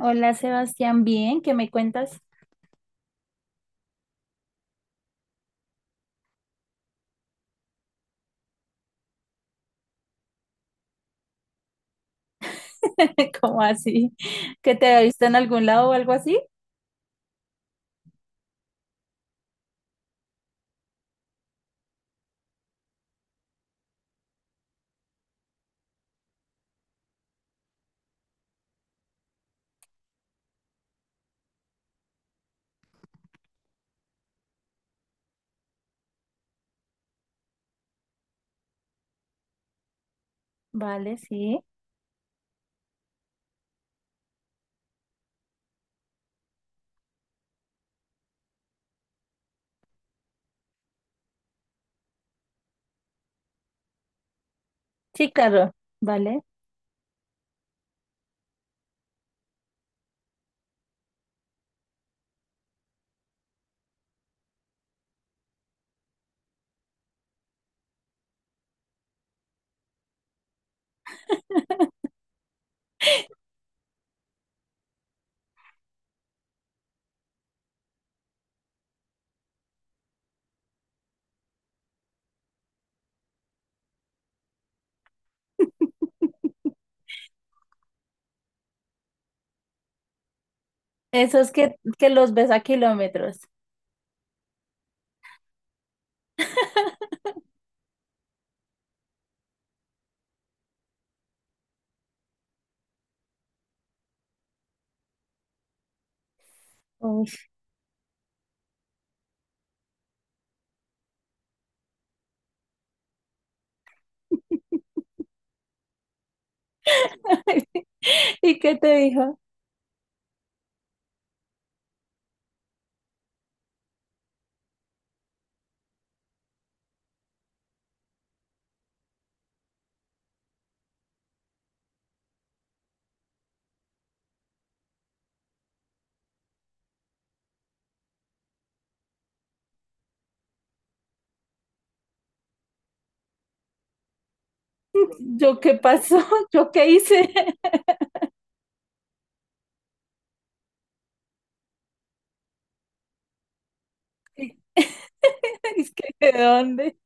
Hola Sebastián, bien, ¿qué me cuentas? ¿Cómo así? ¿Que te había visto en algún lado o algo así? Vale, sí. Sí, claro, vale. Esos que los ves a kilómetros. Uy. ¿Y qué te dijo? ¿Yo qué pasó? ¿Yo qué hice? Y- Es que, ¿de dónde?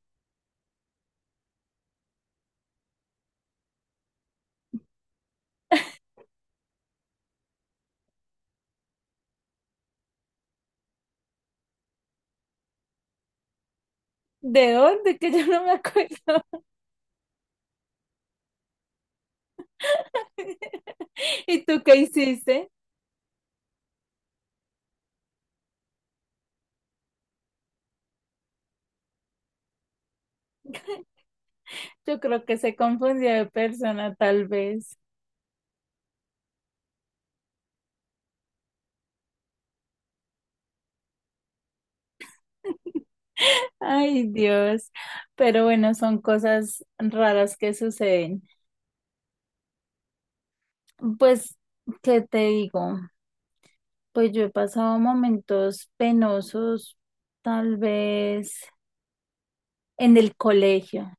¿De dónde? Que yo no me acuerdo. ¿Y tú qué hiciste? Yo creo que se confundió de persona, tal vez. Ay, Dios. Pero bueno, son cosas raras que suceden. Pues, ¿qué te digo? Pues yo he pasado momentos penosos, tal vez en el colegio.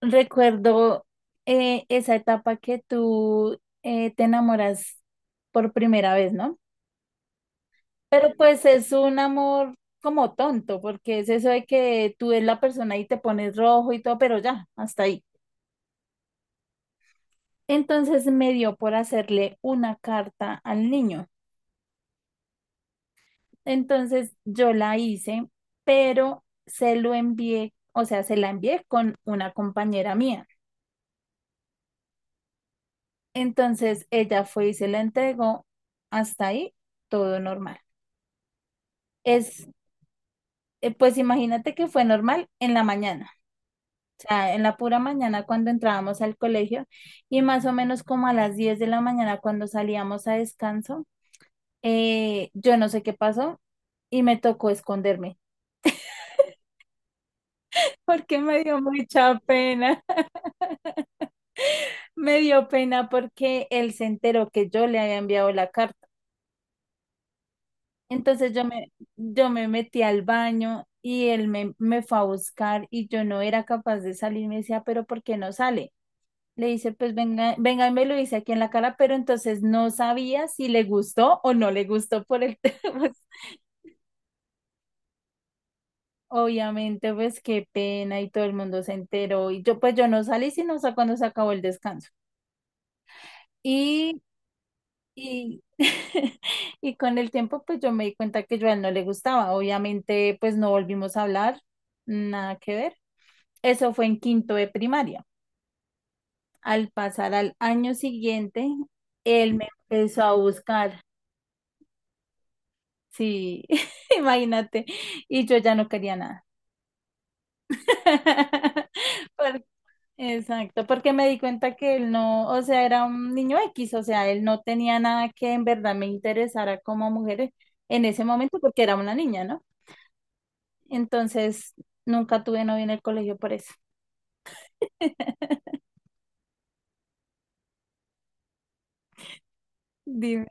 Recuerdo esa etapa que tú te enamoras por primera vez, ¿no? Pero pues es un amor como tonto, porque es eso de que tú ves la persona y te pones rojo y todo, pero ya, hasta ahí. Entonces me dio por hacerle una carta al niño. Entonces yo la hice, pero se lo envié, o sea, se la envié con una compañera mía. Entonces ella fue y se la entregó. Hasta ahí, todo normal. Es, pues imagínate que fue normal en la mañana. Sea, en la pura mañana cuando entrábamos al colegio y más o menos como a las 10 de la mañana cuando salíamos a descanso, yo no sé qué pasó y me tocó esconderme porque me dio mucha pena, me dio pena porque él se enteró que yo le había enviado la carta. Entonces yo me metí al baño y me fue a buscar y yo no era capaz de salir, me decía, pero ¿por qué no sale? Le dice, pues venga, venga, y me lo dice aquí en la cara, pero entonces no sabía si le gustó o no le gustó por el tema. Obviamente, pues qué pena y todo el mundo se enteró. Y yo, pues yo no salí sino hasta cuando se acabó el descanso. Y, y, y con el tiempo, pues yo me di cuenta que yo a él no le gustaba. Obviamente, pues no volvimos a hablar, nada que ver. Eso fue en quinto de primaria. Al pasar al año siguiente, él me empezó a buscar. Sí, imagínate. Y yo ya no quería nada. Por- exacto, porque me di cuenta que él no, o sea, era un niño X, o sea, él no tenía nada que en verdad me interesara como mujer en ese momento porque era una niña, ¿no? Entonces, nunca tuve novio en el colegio por eso. Dime.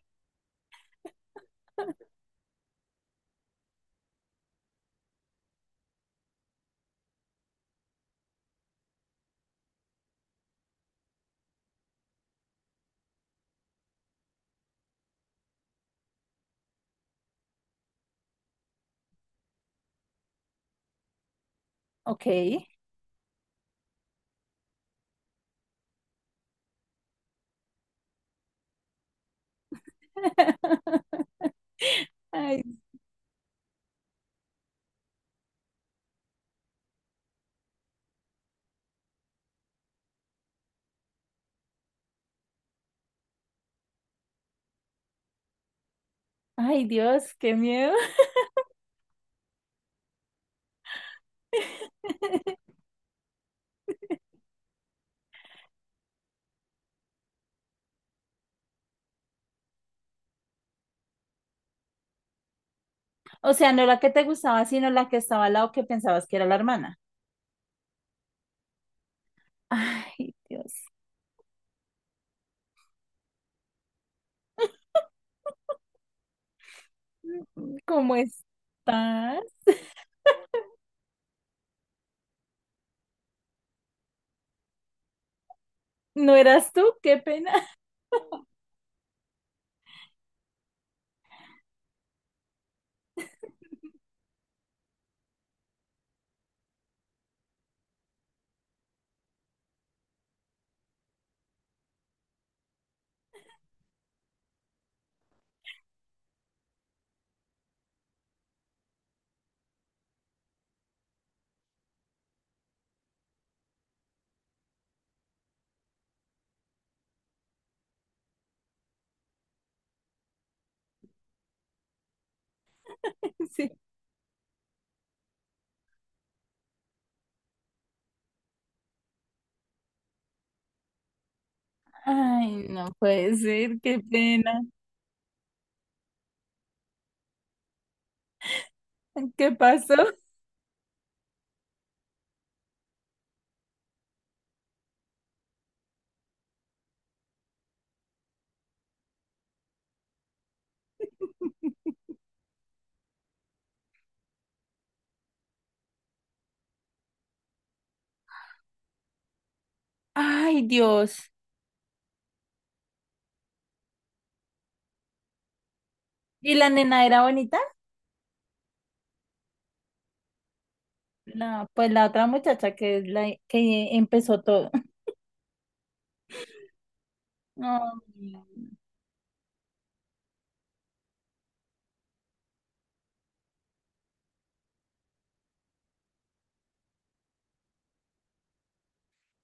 Ok. Ay, ay, Dios, qué miedo. O sea, no la que te gustaba, sino la que estaba al lado que pensabas que era la hermana. Ay, Dios. ¿Cómo estás? ¿No eras tú? Qué pena. Sí. Ay, no puede ser, qué pena. ¿Qué pasó? Ay, Dios. ¿Y la nena era bonita? La, pues la otra muchacha que es la que empezó todo. Ay,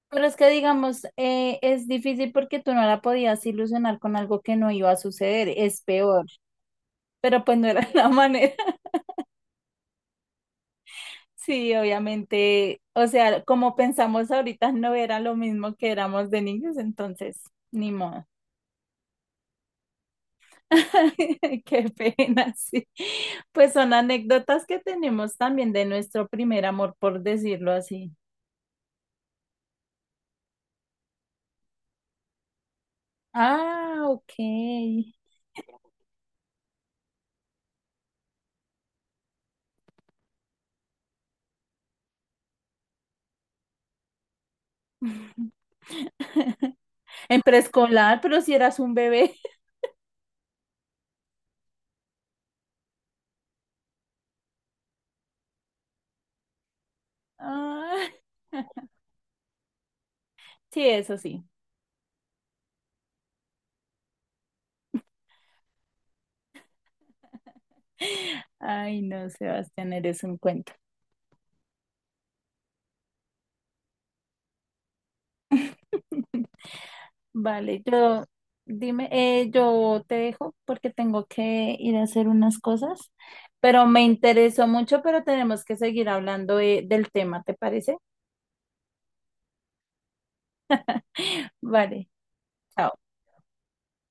pero es que digamos, es difícil porque tú no la podías ilusionar con algo que no iba a suceder. Es peor. Pero pues no era la manera. Sí, obviamente, o sea, como pensamos ahorita, no era lo mismo que éramos de niños, entonces, ni modo. Qué pena, sí. Pues son anécdotas que tenemos también de nuestro primer amor, por decirlo así. Ah, ok. En preescolar, pero si eras un bebé. Ah, sí, eso sí. Ay, no, Sebastián, eres un cuento. Vale, yo, dime, yo te dejo porque tengo que ir a hacer unas cosas, pero me interesó mucho, pero tenemos que seguir hablando de- del tema, ¿te parece? Vale, chao.